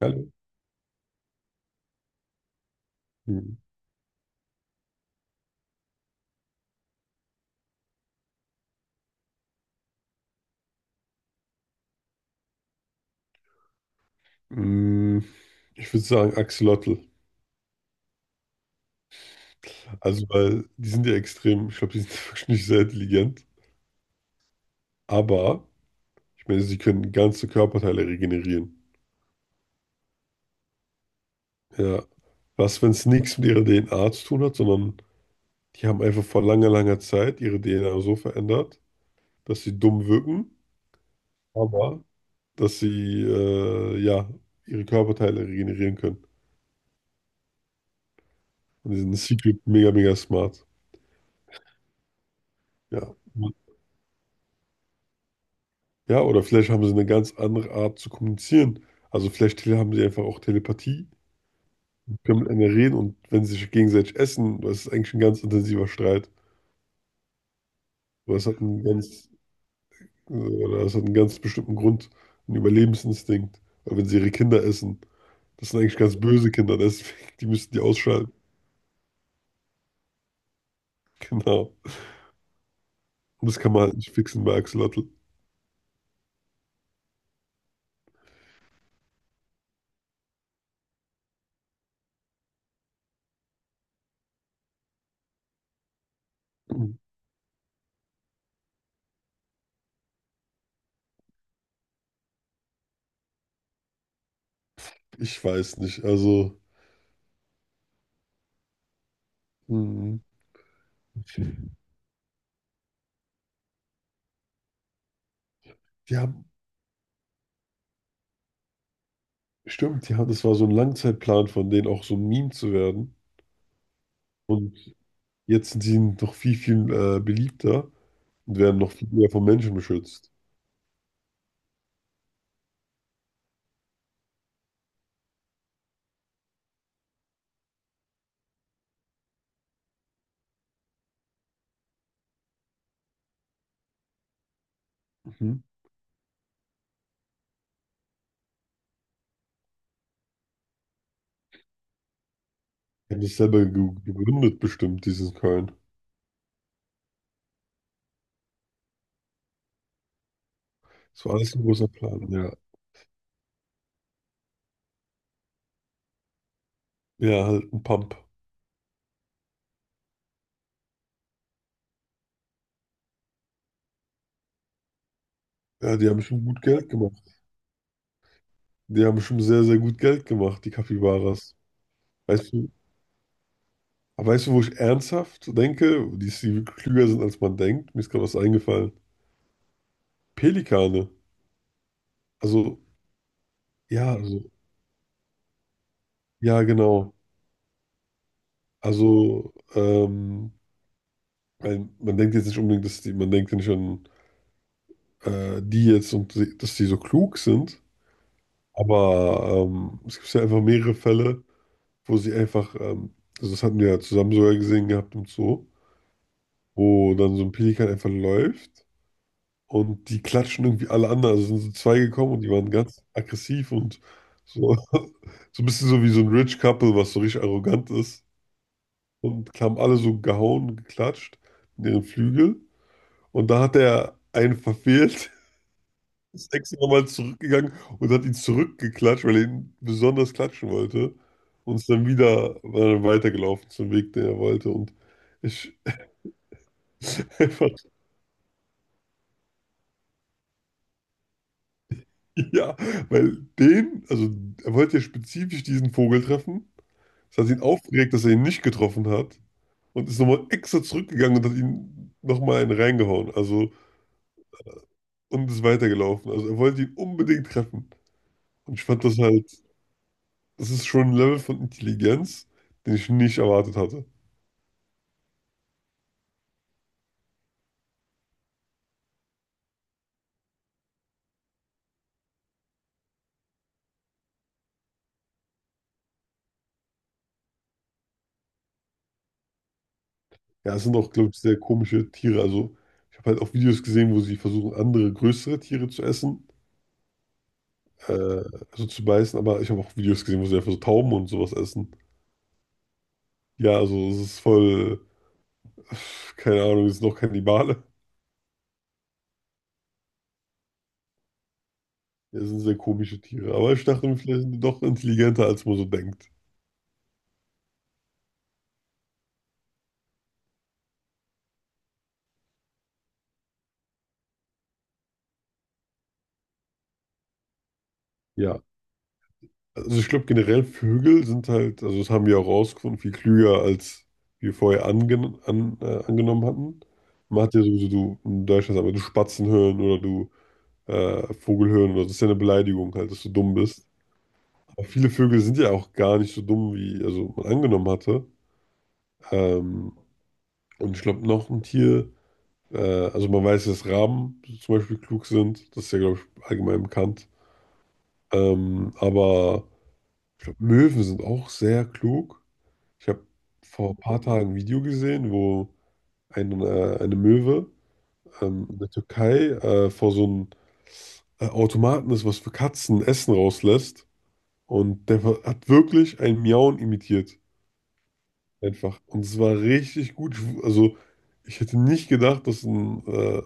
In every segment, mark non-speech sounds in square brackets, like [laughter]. Hallo. Hm. Mm, Ich würde sagen Axolotl. Also, weil die sind ja extrem, ich glaube, die sind [laughs] wirklich nicht sehr intelligent. Aber, ich meine, sie können ganze Körperteile regenerieren. Ja. Was, wenn es nichts mit ihrer DNA zu tun hat, sondern die haben einfach vor langer, langer Zeit ihre DNA so verändert, dass sie dumm wirken, aber dass sie, ja, ihre Körperteile regenerieren können. Und die sind secret mega, mega smart. Ja. Ja, oder vielleicht haben sie eine ganz andere Art zu kommunizieren. Also vielleicht haben sie einfach auch Telepathie, können miteinander reden, und wenn sie sich gegenseitig essen, das ist eigentlich ein ganz intensiver Streit. Aber es hat einen ganz, oder es hat einen ganz bestimmten Grund, einen Überlebensinstinkt. Weil wenn sie ihre Kinder essen, das sind eigentlich ganz böse Kinder, deswegen, die müssen die ausschalten. [laughs] Genau. Und das kann man halt nicht fixen bei Axolotl. Ich weiß nicht, also, hm, die haben, stimmt, die haben, das war so ein Langzeitplan von denen, auch so ein Meme zu werden. Und jetzt sind sie noch viel, viel beliebter und werden noch viel mehr von Menschen beschützt. Mhm. Die haben das selber ge gegründet, bestimmt, diesen Coin. Das war alles ein großer Plan, ja. Ja, halt ein Pump. Ja, die haben schon gut Geld gemacht. Die haben schon sehr, sehr gut Geld gemacht, die Capybaras. Weißt du, aber weißt du, wo ich ernsthaft denke, die, die klüger sind, als man denkt? Mir ist gerade was eingefallen. Pelikane. Also, ja, also, ja, genau. Also, man denkt jetzt nicht unbedingt, dass die, man denkt ja nicht an die jetzt und dass die so klug sind, aber es gibt ja einfach mehrere Fälle, wo sie einfach, also das hatten wir ja zusammen sogar gesehen gehabt im Zoo, wo dann so ein Pelikan einfach läuft und die klatschen irgendwie alle anderen, also sind so zwei gekommen und die waren ganz aggressiv und so, [laughs] so ein bisschen so wie so ein Rich Couple, was so richtig arrogant ist, und haben alle so gehauen und geklatscht in ihren Flügel, und da hat er einen verfehlt, ist extra nochmal zurückgegangen und hat ihn zurückgeklatscht, weil er ihn besonders klatschen wollte. Und ist dann wieder weitergelaufen zum Weg, den er wollte. Und ich [laughs] einfach, ja, weil also er wollte ja spezifisch diesen Vogel treffen. Das hat ihn aufgeregt, dass er ihn nicht getroffen hat. Und ist nochmal extra zurückgegangen und hat ihn nochmal einen reingehauen. Also, und ist weitergelaufen. Also er wollte ihn unbedingt treffen. Und ich fand das halt, das ist schon ein Level von Intelligenz, den ich nicht erwartet hatte. Ja, es sind auch, glaube ich, sehr komische Tiere. Also, ich habe halt auch Videos gesehen, wo sie versuchen, andere größere Tiere zu essen, äh, also zu beißen, aber ich habe auch Videos gesehen, wo sie einfach so Tauben und sowas essen. Ja, also, es ist voll, keine Ahnung, es sind noch Kannibale. Ja, es sind sehr komische Tiere, aber ich dachte mir, vielleicht sind die doch intelligenter, als man so denkt. Ja, also, ich glaube, generell Vögel sind halt, also, das haben wir auch rausgefunden, viel klüger, als wir vorher angenommen hatten. Man hat ja sowieso, du in Deutschland, aber du Spatzen hören oder du, Vogelhirn oder so. Das ist ja eine Beleidigung halt, dass du dumm bist. Aber viele Vögel sind ja auch gar nicht so dumm, wie also man angenommen hatte. Ähm, und ich glaube, noch ein Tier, äh, also man weiß, dass Raben zum Beispiel klug sind, das ist ja, glaube ich, allgemein bekannt. Aber ich glaube, Möwen sind auch sehr klug. Ich habe vor ein paar Tagen ein Video gesehen, wo eine Möwe in der Türkei vor so einem Automaten ist, was für Katzen Essen rauslässt. Und der hat wirklich ein Miauen imitiert. Einfach. Und es war richtig gut. Also, ich hätte nicht gedacht, dass, ein, äh,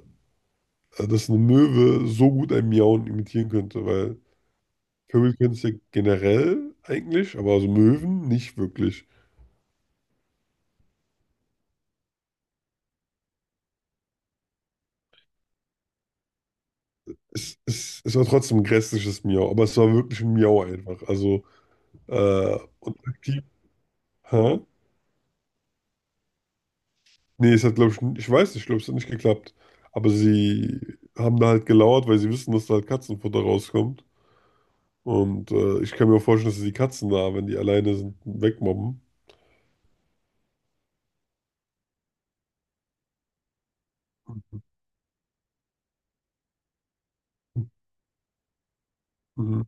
äh, dass eine Möwe so gut ein Miauen imitieren könnte, weil Vögel können es ja generell eigentlich, aber also Möwen nicht wirklich. Es war trotzdem ein grässliches Miau, aber es war wirklich ein Miau einfach. Also, und aktiv. Hä? Nee, es hat, glaube ich, ich weiß nicht, ich glaube, es hat nicht geklappt. Aber sie haben da halt gelauert, weil sie wissen, dass da halt Katzenfutter rauskommt. Und ich kann mir auch vorstellen, dass sie die Katzen da, wenn die alleine sind, wegmobben. Mhm.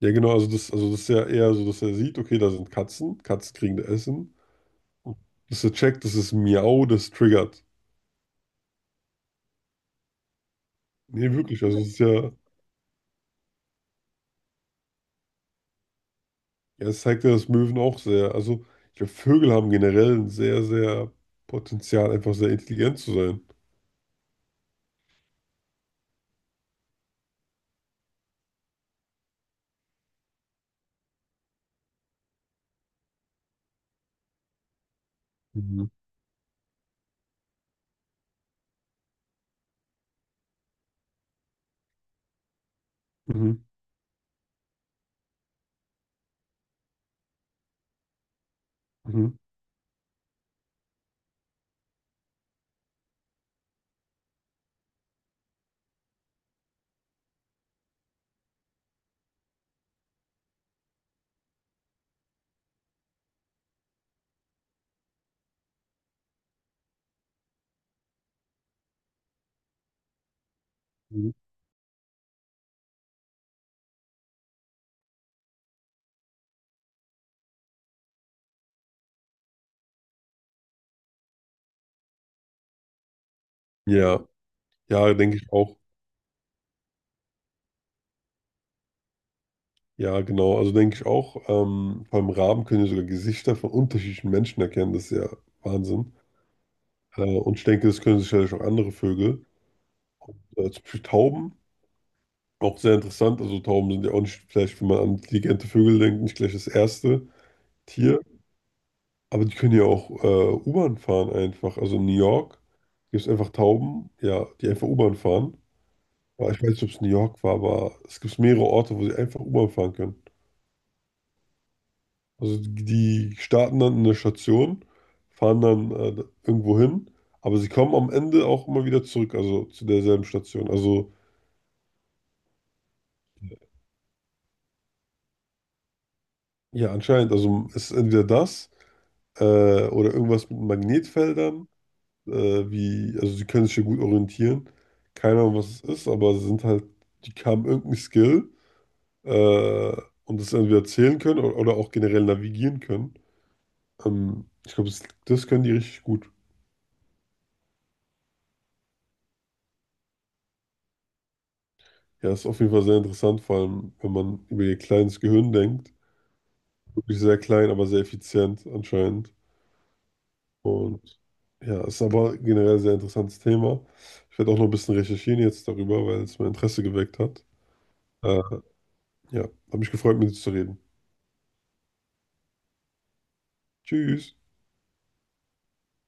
Ja, genau, also das ist ja eher so, dass er sieht, okay, da sind Katzen, Katzen kriegen da Essen. Dass er checkt, das ist Miau, das triggert. Nee, wirklich, also es ist ja, ja, es zeigt ja, dass Möwen auch sehr, also ich glaube, Vögel haben generell ein sehr, sehr Potenzial, einfach sehr intelligent zu sein. Mhm. Mhm. Mhm. Mhm. Ja, ja, denke ich auch. Ja, genau. Also denke ich auch, beim Raben können ja sogar Gesichter von unterschiedlichen Menschen erkennen. Das ist ja Wahnsinn. Und ich denke, das können sicherlich auch andere Vögel. Zum Beispiel Tauben, auch sehr interessant. Also Tauben sind ja auch nicht, vielleicht, wenn man an intelligente Vögel denkt, nicht gleich das erste Tier. Aber die können ja auch U-Bahn fahren einfach. Also in New York gibt es einfach Tauben, ja, die einfach U-Bahn fahren. Aber ich weiß nicht, ob es New York war, aber es gibt mehrere Orte, wo sie einfach U-Bahn fahren können. Also die starten dann in der Station, fahren dann irgendwo hin, aber sie kommen am Ende auch immer wieder zurück, also zu derselben Station. Also ja, anscheinend, also es ist entweder das, äh, oder irgendwas mit Magnetfeldern, äh, wie, also sie können sich ja gut orientieren. Keine Ahnung, was es ist, aber sie sind halt, die haben irgendeinen Skill, äh, und das entweder zählen können oder, auch generell navigieren können. Ich glaube, das, können die richtig gut. Ja, ist auf jeden Fall sehr interessant, vor allem wenn man über ihr kleines Gehirn denkt. Wirklich sehr klein, aber sehr effizient anscheinend. Und ja, ist aber generell ein sehr interessantes Thema. Ich werde auch noch ein bisschen recherchieren jetzt darüber, weil es mein Interesse geweckt hat. Äh, ja, habe mich gefreut, mit dir zu reden. Tschüss.